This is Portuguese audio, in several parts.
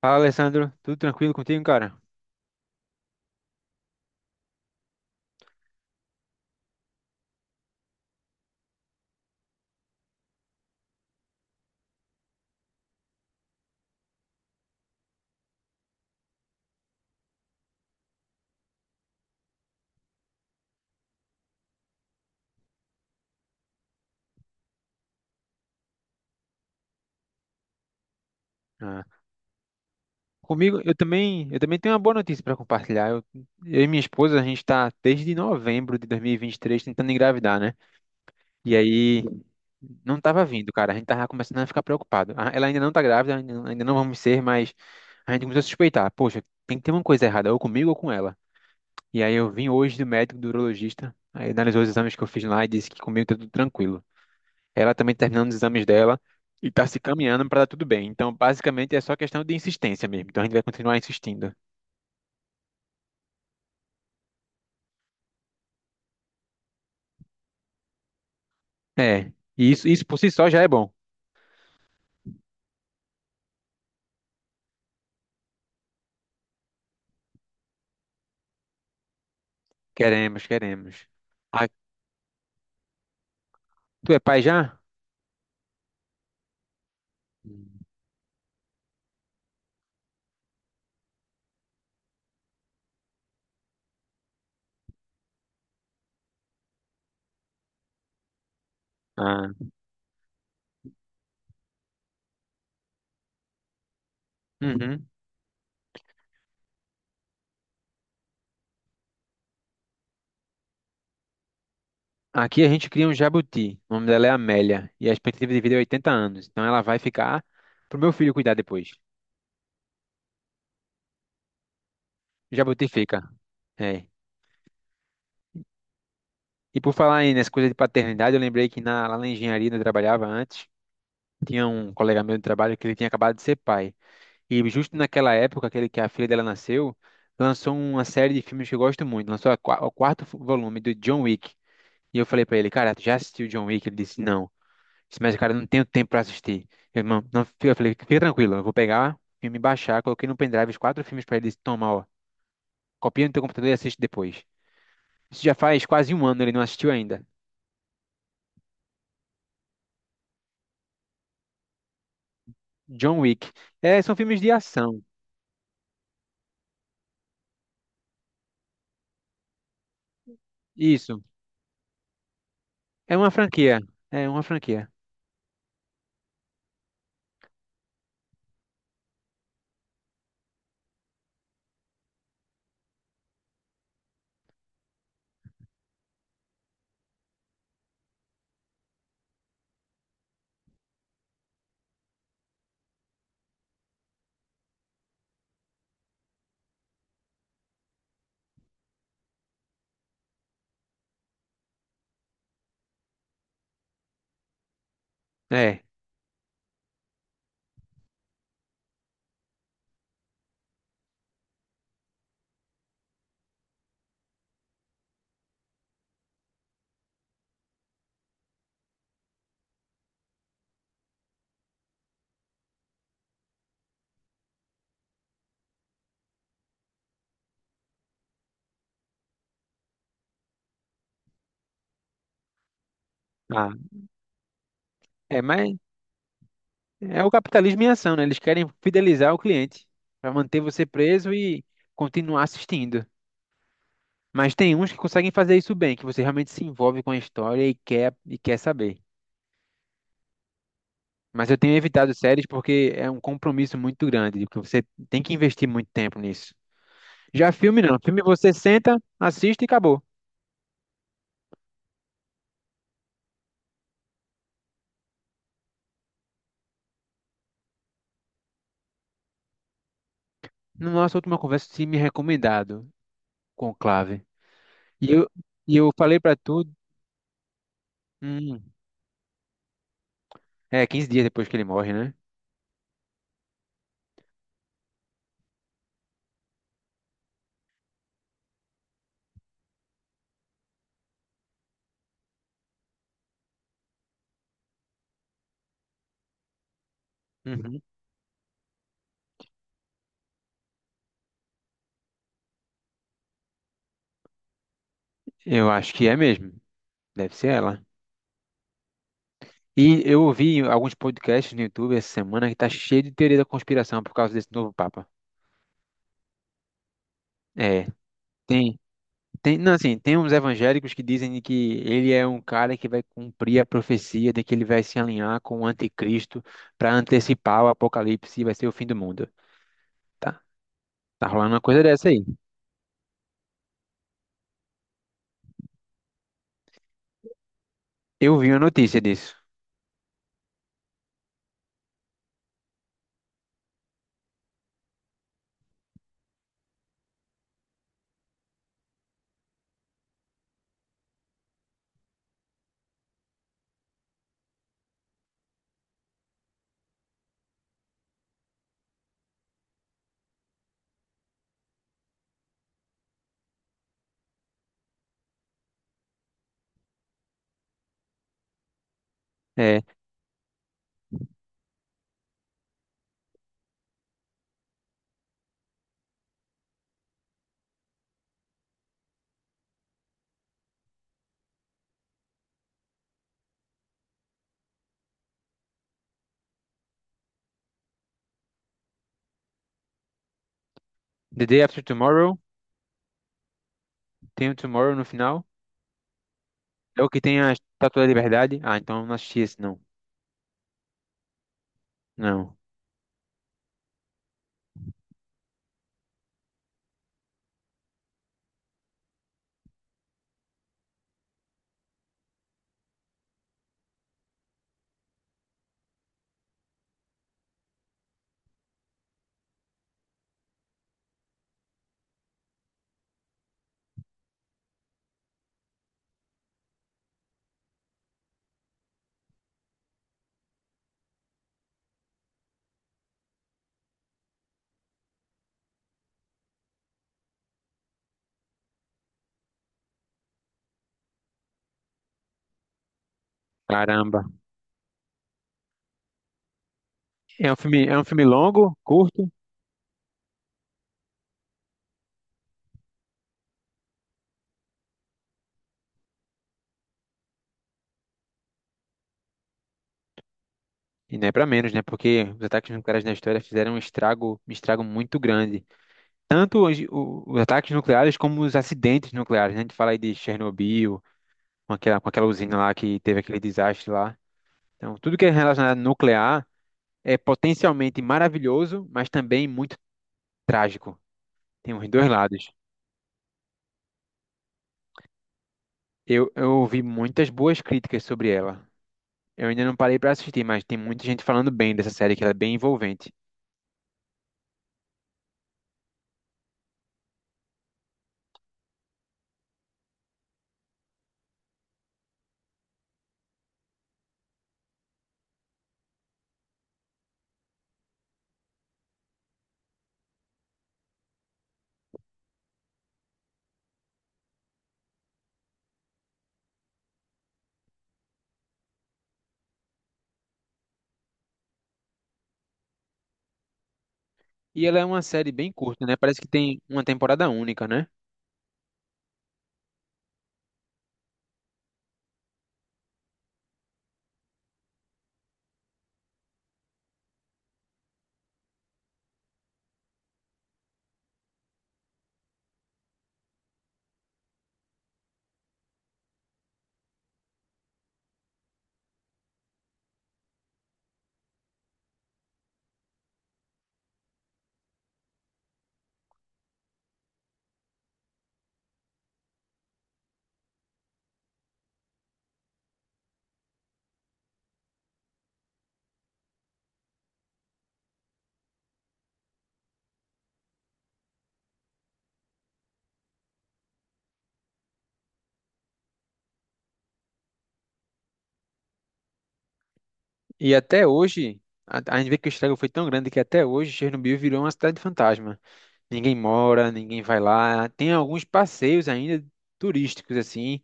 Fala, Alessandro. Tudo tranquilo contigo, cara? Ah, comigo, eu também tenho uma boa notícia para compartilhar. Eu e minha esposa, a gente está desde novembro de 2023 tentando engravidar, né? E aí não tava vindo, cara. A gente tava começando a ficar preocupado. Ah, ela ainda não tá grávida, ainda não vamos ser, mas a gente começou a suspeitar. Poxa, tem que ter uma coisa errada, ou comigo ou com ela. E aí eu vim hoje do médico, do urologista. Aí analisou os exames que eu fiz lá e disse que comigo tá tudo tranquilo. Ela também terminando os exames dela e está se caminhando para dar tudo bem. Então, basicamente, é só questão de insistência mesmo. Então, a gente vai continuar insistindo. É, e isso por si só já é bom. Queremos, queremos. Ah, tu é pai já? Ah, uhum. Aqui a gente cria um jabuti. O nome dela é Amélia. E a expectativa de vida é 80 anos. Então ela vai ficar pro meu filho cuidar depois. O jabuti fica. É. E por falar aí nessa coisa de paternidade, eu lembrei que lá na engenharia onde eu trabalhava antes, tinha um colega meu de trabalho que ele tinha acabado de ser pai. E justo naquela época, aquele que a filha dela nasceu, lançou uma série de filmes que eu gosto muito. Lançou a o quarto volume do John Wick. E eu falei pra ele, cara, tu já assistiu John Wick? Ele disse, não. Eu disse, mas, cara, eu não tenho tempo pra assistir. Eu, não, não, eu falei, fica tranquilo, eu vou pegar o me baixar, coloquei no pendrive os quatro filmes pra ele. Ele disse, toma, ó, copia no teu computador e assiste depois. Isso já faz quase um ano, ele não assistiu ainda. John Wick. É, são filmes de ação. Isso. É uma franquia. É uma franquia. É. Ah, é, mas é o capitalismo em ação, né? Eles querem fidelizar o cliente para manter você preso e continuar assistindo. Mas tem uns que conseguem fazer isso bem, que você realmente se envolve com a história e quer saber. Mas eu tenho evitado séries porque é um compromisso muito grande, porque você tem que investir muito tempo nisso. Já filme não, filme você senta, assiste e acabou. Na nossa última conversa, você tinha me recomendado Conclave. E eu, e eu falei para tu, hum, é, 15 dias depois que ele morre, né? Uhum. Eu acho que é mesmo. Deve ser ela. E eu ouvi alguns podcasts no YouTube essa semana que tá cheio de teoria da conspiração por causa desse novo Papa. É, tem. Tem, não, assim, tem uns evangélicos que dizem que ele é um cara que vai cumprir a profecia de que ele vai se alinhar com o anticristo para antecipar o apocalipse e vai ser o fim do mundo. Tá, tá rolando uma coisa dessa aí. Eu vi uma notícia disso. É, The Day After Tomorrow, tem o Tomorrow no final. É o que tem a Estátua da Liberdade. Ah, então eu não assisti esse, não. Não. Caramba. É um filme longo, curto, e não é pra menos, né? Porque os ataques nucleares na história fizeram um estrago muito grande. Tanto os ataques nucleares como os acidentes nucleares, né? A gente fala aí de Chernobyl, com aquela usina lá que teve aquele desastre lá. Então, tudo que é relacionado a nuclear é potencialmente maravilhoso, mas também muito trágico. Tem os dois lados. Eu ouvi muitas boas críticas sobre ela. Eu ainda não parei pra assistir, mas tem muita gente falando bem dessa série, que ela é bem envolvente. E ela é uma série bem curta, né? Parece que tem uma temporada única, né? E até hoje, a gente vê que o estrago foi tão grande que até hoje Chernobyl virou uma cidade fantasma. Ninguém mora, ninguém vai lá. Tem alguns passeios ainda turísticos, assim,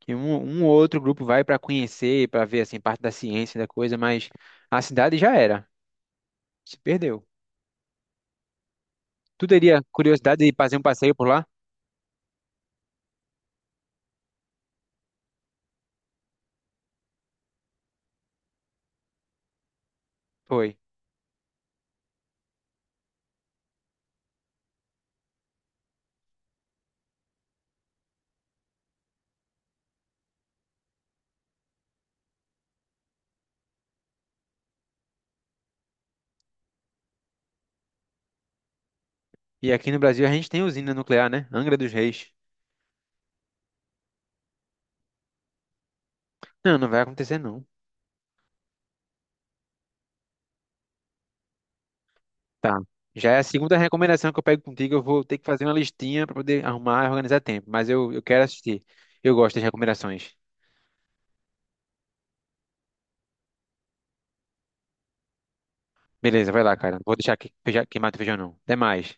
que um ou outro grupo vai para conhecer, para ver, assim, parte da ciência da coisa, mas a cidade já era, se perdeu. Tu teria curiosidade de fazer um passeio por lá? Foi. E aqui no Brasil a gente tem usina nuclear, né? Angra dos Reis. Não, não vai acontecer não. Tá. Já é a segunda recomendação que eu pego contigo. Eu vou ter que fazer uma listinha para poder arrumar e organizar tempo. Mas eu quero assistir. Eu gosto das recomendações. Beleza, vai lá, cara. Não vou deixar que, feijão- queimar teu feijão, não. Até mais.